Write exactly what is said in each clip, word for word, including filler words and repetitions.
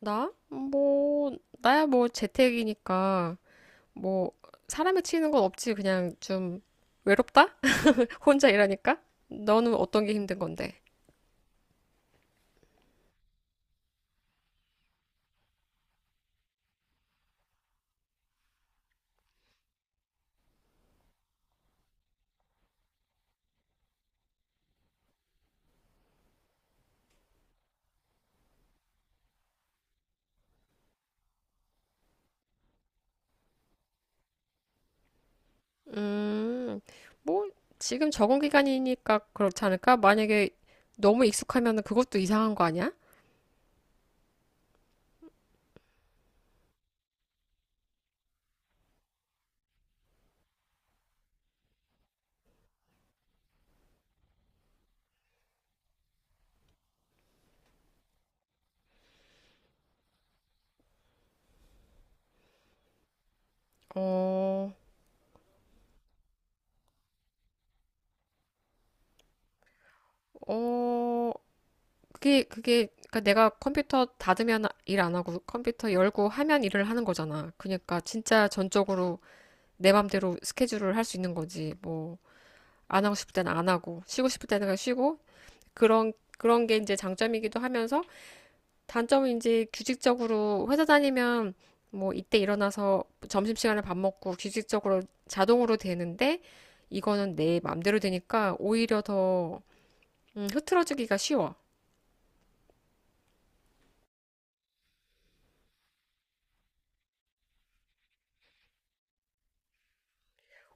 나? 뭐, 나야 뭐 재택이니까, 뭐, 사람에 치이는 건 없지. 그냥 좀 외롭다? 혼자 일하니까? 너는 어떤 게 힘든 건데? 음, 뭐, 지금 적응 기간이니까 그렇지 않을까? 만약에 너무 익숙하면 그것도 이상한 거 아니야? 어, 어, 그게, 그게, 그러니까 내가 컴퓨터 닫으면 일 안 하고 컴퓨터 열고 하면 일을 하는 거잖아. 그러니까 진짜 전적으로 내 맘대로 스케줄을 할 수 있는 거지. 뭐, 안 하고 싶을 때는 안 하고, 쉬고 싶을 때는 그냥 쉬고, 그런, 그런 게 이제 장점이기도 하면서, 단점은 이제 규칙적으로 회사 다니면, 뭐, 이때 일어나서 점심시간에 밥 먹고 규칙적으로 자동으로 되는데, 이거는 내 맘대로 되니까 오히려 더, 음, 흐트러지기가 쉬워.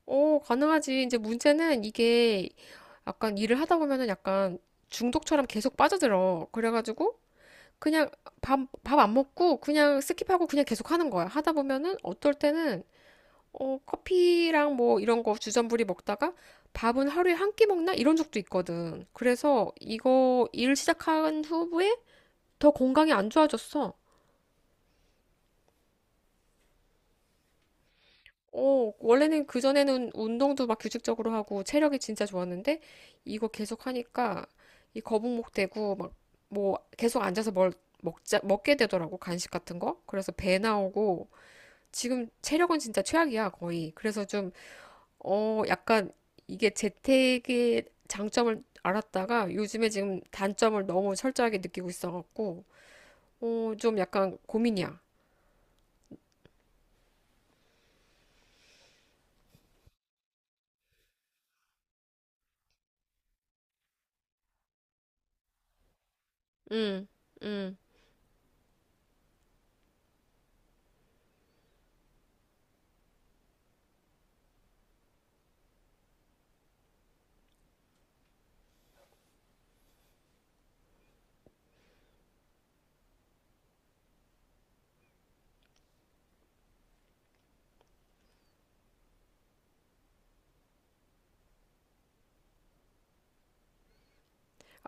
오, 가능하지. 이제 문제는 이게 약간 일을 하다 보면은 약간 중독처럼 계속 빠져들어. 그래가지고, 그냥 밥, 밥 안 먹고 그냥 스킵하고 그냥 계속 하는 거야. 하다 보면은 어떨 때는 어, 커피랑 뭐 이런 거 주전부리 먹다가 밥은 하루에 한 끼 먹나? 이런 적도 있거든. 그래서 이거 일 시작한 후에 더 건강이 안 좋아졌어. 어, 원래는 그전에는 운동도 막 규칙적으로 하고 체력이 진짜 좋았는데 이거 계속 하니까 이 거북목 되고 막 뭐 계속 앉아서 뭘 먹자, 먹게 되더라고. 간식 같은 거. 그래서 배 나오고 지금 체력은 진짜 최악이야, 거의. 그래서 좀, 어, 약간 이게 재택의 장점을 알았다가 요즘에 지금 단점을 너무 철저하게 느끼고 있어갖고, 어, 좀 약간 고민이야. 응, 응.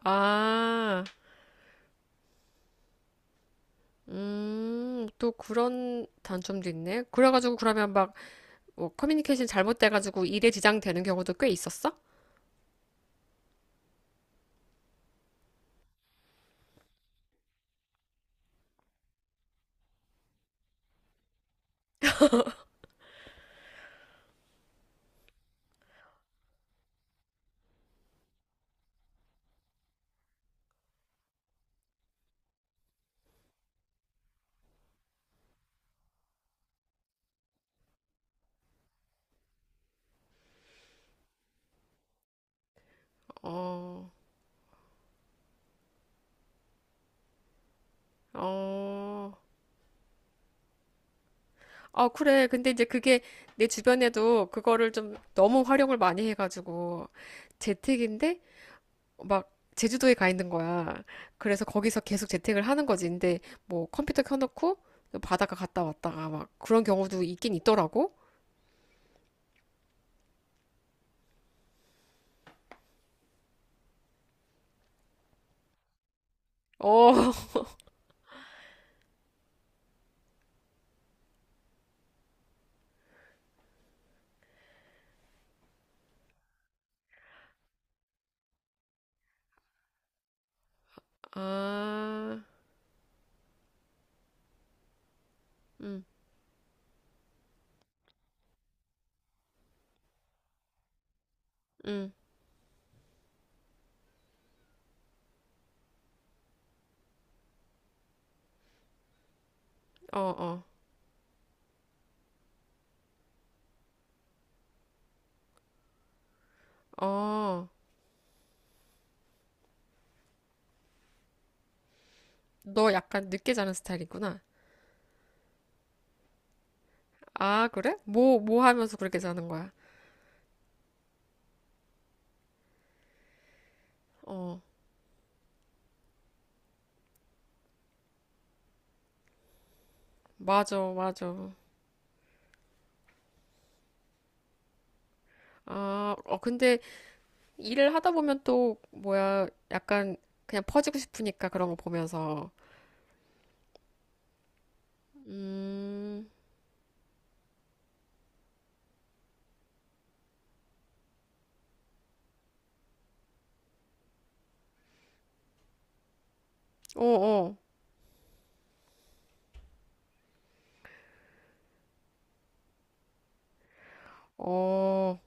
아, 음, 또 그런 단점도 있네. 그래가지고 그러면 막, 뭐 커뮤니케이션 잘못돼가지고 일에 지장되는 경우도 꽤 있었어? 어, 어. 아, 그래. 근데 이제 그게 내 주변에도 그거를 좀 너무 활용을 많이 해가지고 재택인데 막 제주도에 가 있는 거야. 그래서 거기서 계속 재택을 하는 거지. 근데 뭐 컴퓨터 켜놓고 바닷가 갔다 왔다가 막 그런 경우도 있긴 있더라고. 어, 아, 응 응 어, 어, 어. 너 약간 늦게 자는 스타일이구나. 아, 그래? 뭐, 뭐 하면서 그렇게 자는 거야? 어, 맞아, 맞아. 아, 어, 근데 일을 하다 보면 또 뭐야 약간 그냥 퍼지고 싶으니까 그런 거 보면서 음, 어, 어, 어,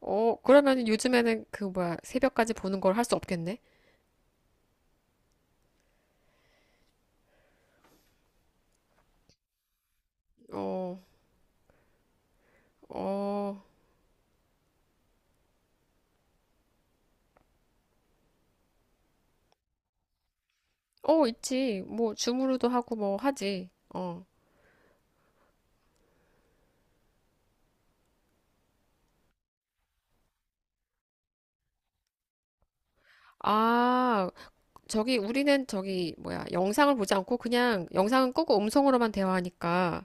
어, 그러면 요즘에는 그 뭐야 새벽까지 보는 걸 할 수 없겠네? 어, 어, 어, 있지. 뭐 줌으로도 하고 뭐 하지. 어. 아, 저기 우리는 저기 뭐야 영상을 보지 않고 그냥 영상은 끄고 음성으로만 대화하니까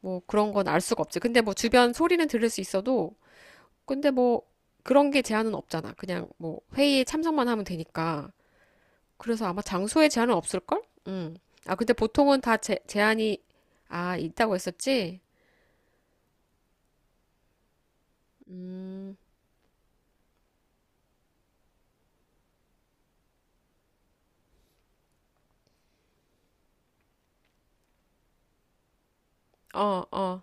뭐 그런 건 알 수가 없지. 근데 뭐 주변 소리는 들을 수 있어도 근데 뭐 그런 게 제한은 없잖아. 그냥 뭐 회의에 참석만 하면 되니까. 그래서 아마 장소에 제한은 없을걸? 음. 아, 근데 보통은 다 제, 제한이 아, 있다고 했었지? 어, 어.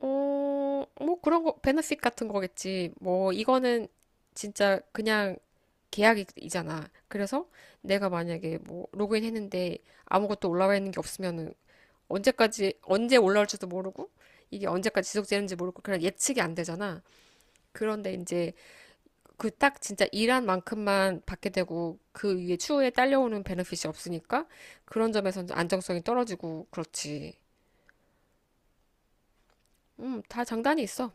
어, 뭐 그런 거 베네핏 같은 거겠지. 뭐 이거는 진짜 그냥 계약이잖아. 그래서 내가 만약에 뭐 로그인 했는데 아무것도 올라와 있는 게 없으면은 언제까지 언제 올라올지도 모르고 이게 언제까지 지속되는지 모르고 그냥 예측이 안 되잖아. 그런데 이제 그 딱 진짜 일한 만큼만 받게 되고 그 위에 추후에 딸려오는 베네핏이 없으니까 그런 점에서 안정성이 떨어지고 그렇지. 음, 다 장단이 있어.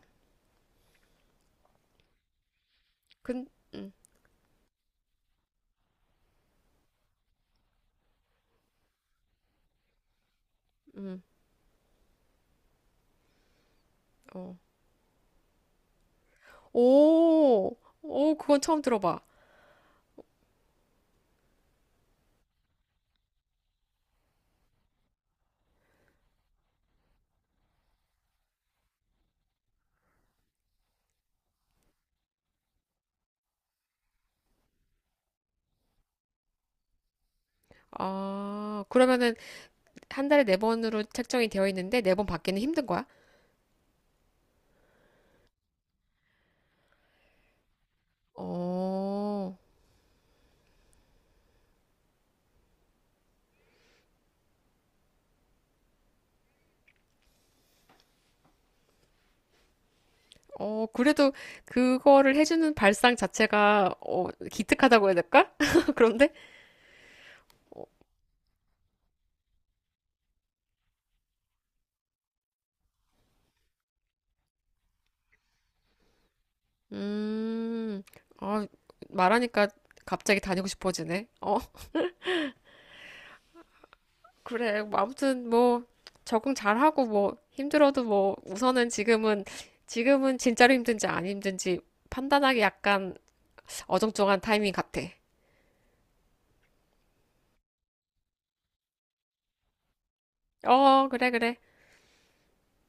근, 음, 음, 어. 오, 오, 그건 처음 들어봐. 아, 그러면은 한 달에 네 번으로 책정이 되어 있는데 네 번 받기는 힘든 거야? 어, 어, 그래도 그거를 해주는 발상 자체가 어, 기특하다고 해야 될까? 그런데? 음, 아, 말하니까 갑자기 다니고 싶어지네. 어, 그래. 뭐 아무튼 뭐 적응 잘하고 뭐 힘들어도 뭐 우선은 지금은 지금은 진짜로 힘든지 안 힘든지 판단하기 약간 어정쩡한 타이밍 같아. 어, 그래, 그래.